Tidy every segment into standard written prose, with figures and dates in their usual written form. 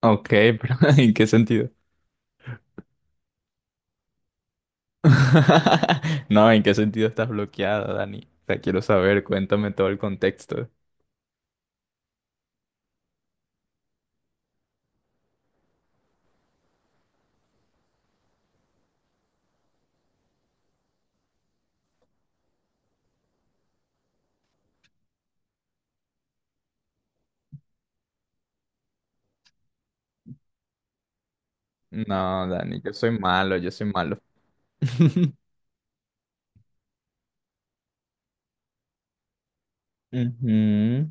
Ok, pero ¿en qué sentido? No, ¿en qué sentido estás bloqueada, Dani? O sea, quiero saber, cuéntame todo el contexto. No, Dani, yo soy malo. Ujú.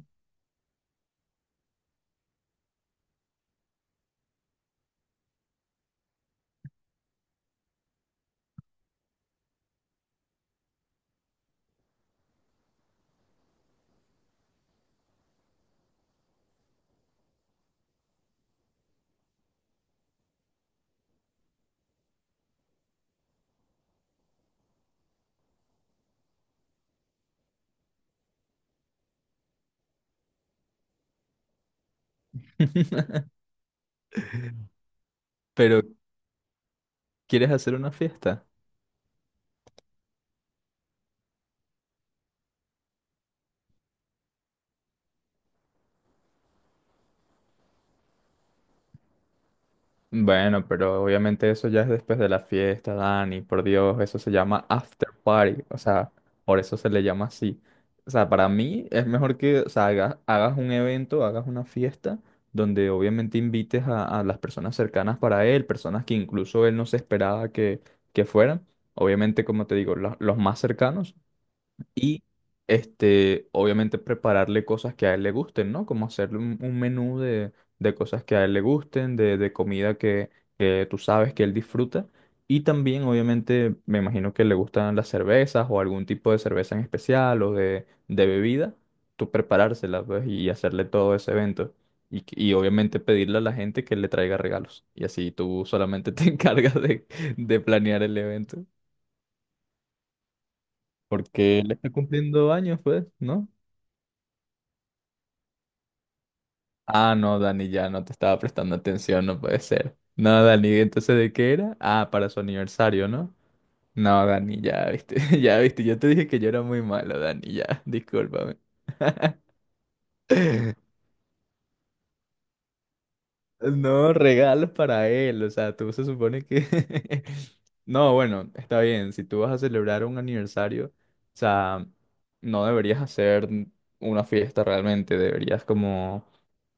Pero, ¿quieres hacer una fiesta? Bueno, pero obviamente eso ya es después de la fiesta, Dani, por Dios, eso se llama after party, o sea, por eso se le llama así. O sea, para mí es mejor que, o sea, hagas un evento, hagas una fiesta donde obviamente invites a, las personas cercanas para él, personas que incluso él no se esperaba que fueran. Obviamente, como te digo, los más cercanos y este, obviamente prepararle cosas que a él le gusten, ¿no? Como hacerle un menú de cosas que a él le gusten, de comida que tú sabes que él disfruta. Y también, obviamente, me imagino que le gustan las cervezas o algún tipo de cerveza en especial o de bebida, tú preparársela, pues, y hacerle todo ese evento. Y, y obviamente pedirle a la gente que le traiga regalos. Y así tú solamente te encargas de planear el evento. Porque él está cumpliendo años, pues, ¿no? Ah, no, Dani, ya no te estaba prestando atención, no puede ser. No, Dani, entonces ¿de qué era? Ah, para su aniversario, ¿no? No, Dani, ya viste, ya viste, yo te dije que yo era muy malo, Dani, ya, discúlpame. No, regalos para él, o sea, tú se supone que... No, bueno, está bien, si tú vas a celebrar un aniversario, o sea, no deberías hacer una fiesta realmente, deberías como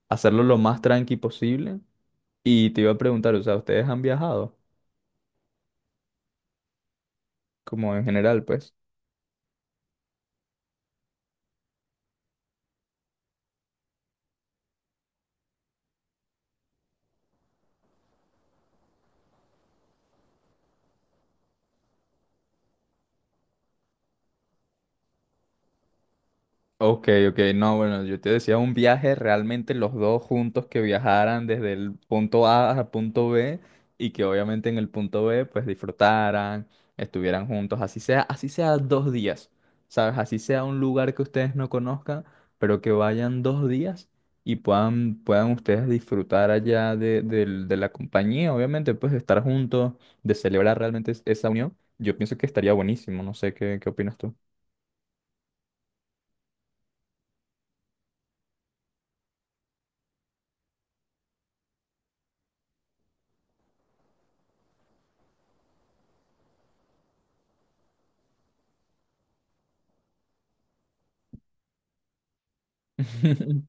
hacerlo lo más tranqui posible. Y te iba a preguntar, o sea, ¿ustedes han viajado? Como en general, pues. Ok, ok, no, bueno, yo te decía un viaje realmente los dos juntos que viajaran desde el punto A al punto B y que obviamente en el punto B pues disfrutaran, estuvieran juntos, así sea dos días, ¿sabes? Así sea un lugar que ustedes no conozcan, pero que vayan dos días y puedan ustedes disfrutar allá de, de la compañía, obviamente pues de estar juntos, de celebrar realmente esa unión. Yo pienso que estaría buenísimo, no sé qué, qué opinas tú.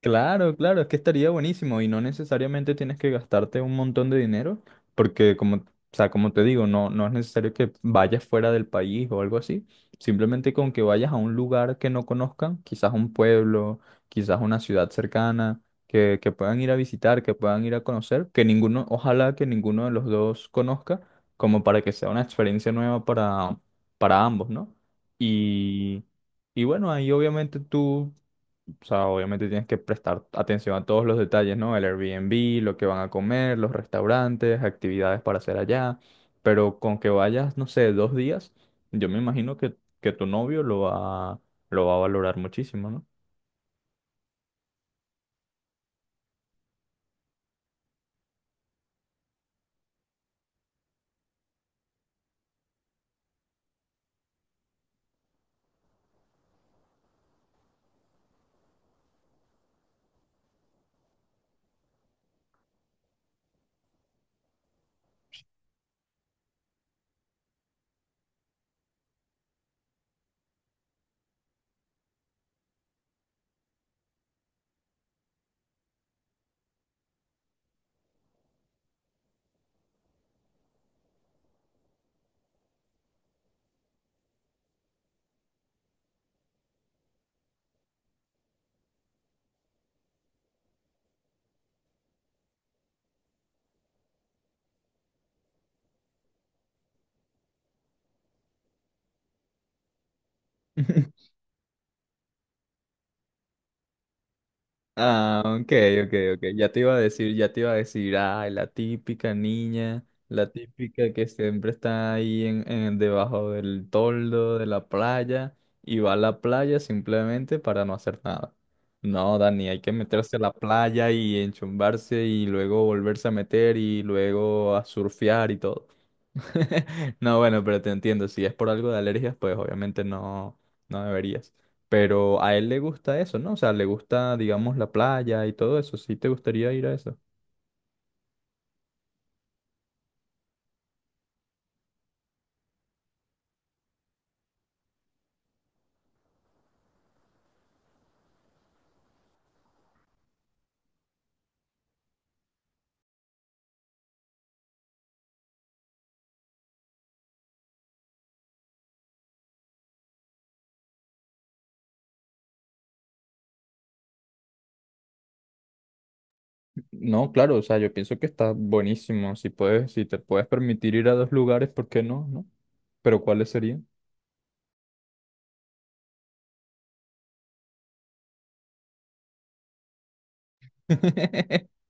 Claro, claro, es que estaría buenísimo y no necesariamente tienes que gastarte un montón de dinero, porque como, o sea, como te digo, no, no es necesario que vayas fuera del país o algo así, simplemente con que vayas a un lugar que no conozcan, quizás un pueblo, quizás una ciudad cercana, que puedan ir a visitar, que puedan ir a conocer, que ninguno, ojalá que ninguno de los dos conozca, como para que sea una experiencia nueva para ambos, ¿no? Y... Y bueno, ahí obviamente tú, o sea, obviamente tienes que prestar atención a todos los detalles, ¿no? El Airbnb, lo que van a comer, los restaurantes, actividades para hacer allá. Pero con que vayas, no sé, dos días, yo me imagino que tu novio lo va a valorar muchísimo, ¿no? Ah, ok, ok, ok. Ya te iba a decir, ya te iba a decir, ay, la típica niña, la típica que siempre está ahí en debajo del toldo de la playa y va a la playa simplemente para no hacer nada. No, Dani, hay que meterse a la playa y enchumbarse y luego volverse a meter y luego a surfear y todo. No, bueno, pero te entiendo, si es por algo de alergias, pues obviamente no, no deberías. Pero a él le gusta eso, ¿no? O sea, le gusta, digamos, la playa y todo eso. ¿Sí te gustaría ir a eso? No, claro, o sea, yo pienso que está buenísimo. Si puedes, si te puedes permitir ir a dos lugares, ¿por qué no? ¿No? Pero ¿cuáles serían?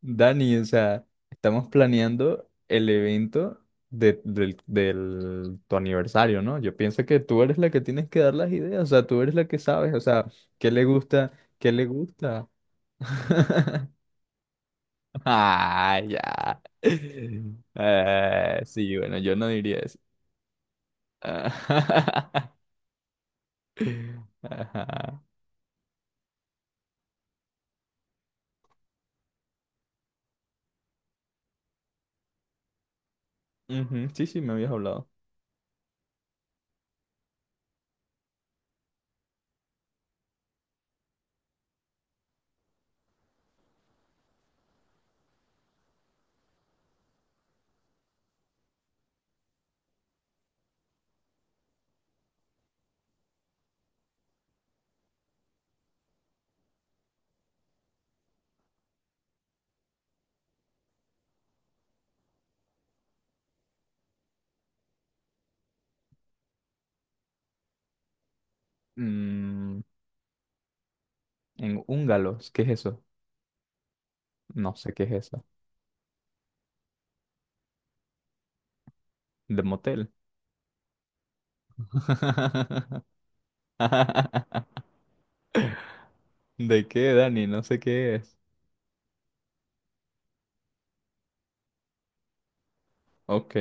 Dani, o sea, estamos planeando el evento de, del, tu aniversario, ¿no? Yo pienso que tú eres la que tienes que dar las ideas, o sea, tú eres la que sabes, o sea, ¿qué le gusta? ¿Qué le gusta? Ah, ya. Sí, bueno, yo no diría eso. Ah, ajá. Ujú, sí, sí, me habías hablado. Mm, en húngalos, ¿qué es eso? No sé qué es eso. De motel. ¿De qué, Dani? No sé qué es. Ok,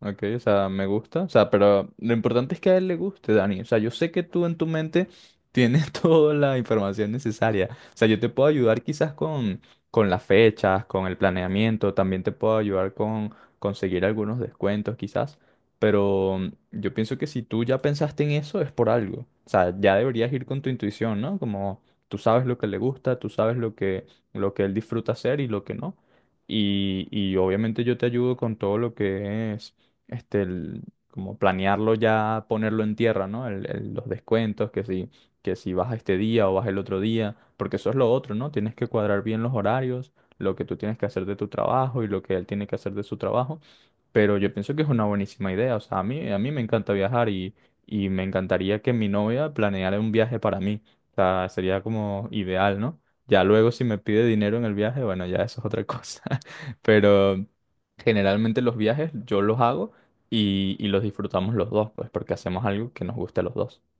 ok, o sea, me gusta. O sea, pero lo importante es que a él le guste, Dani. O sea, yo sé que tú en tu mente tienes toda la información necesaria. O sea, yo te puedo ayudar quizás con las fechas, con el planeamiento, también te puedo ayudar con conseguir algunos descuentos quizás. Pero yo pienso que si tú ya pensaste en eso es por algo. O sea, ya deberías ir con tu intuición, ¿no? Como tú sabes lo que le gusta, tú sabes lo que él disfruta hacer y lo que no y, y obviamente yo te ayudo con todo lo que es, este, como planearlo ya, ponerlo en tierra, ¿no? Los descuentos, que si vas este día o vas el otro día, porque eso es lo otro, ¿no? Tienes que cuadrar bien los horarios, lo que tú tienes que hacer de tu trabajo y lo que él tiene que hacer de su trabajo, pero yo pienso que es una buenísima idea. O sea, a mí me encanta viajar y me encantaría que mi novia planeara un viaje para mí. O sea, sería como ideal, ¿no? Ya luego si me pide dinero en el viaje, bueno, ya eso es otra cosa. Pero generalmente los viajes yo los hago y los disfrutamos los dos, pues porque hacemos algo que nos guste a los dos.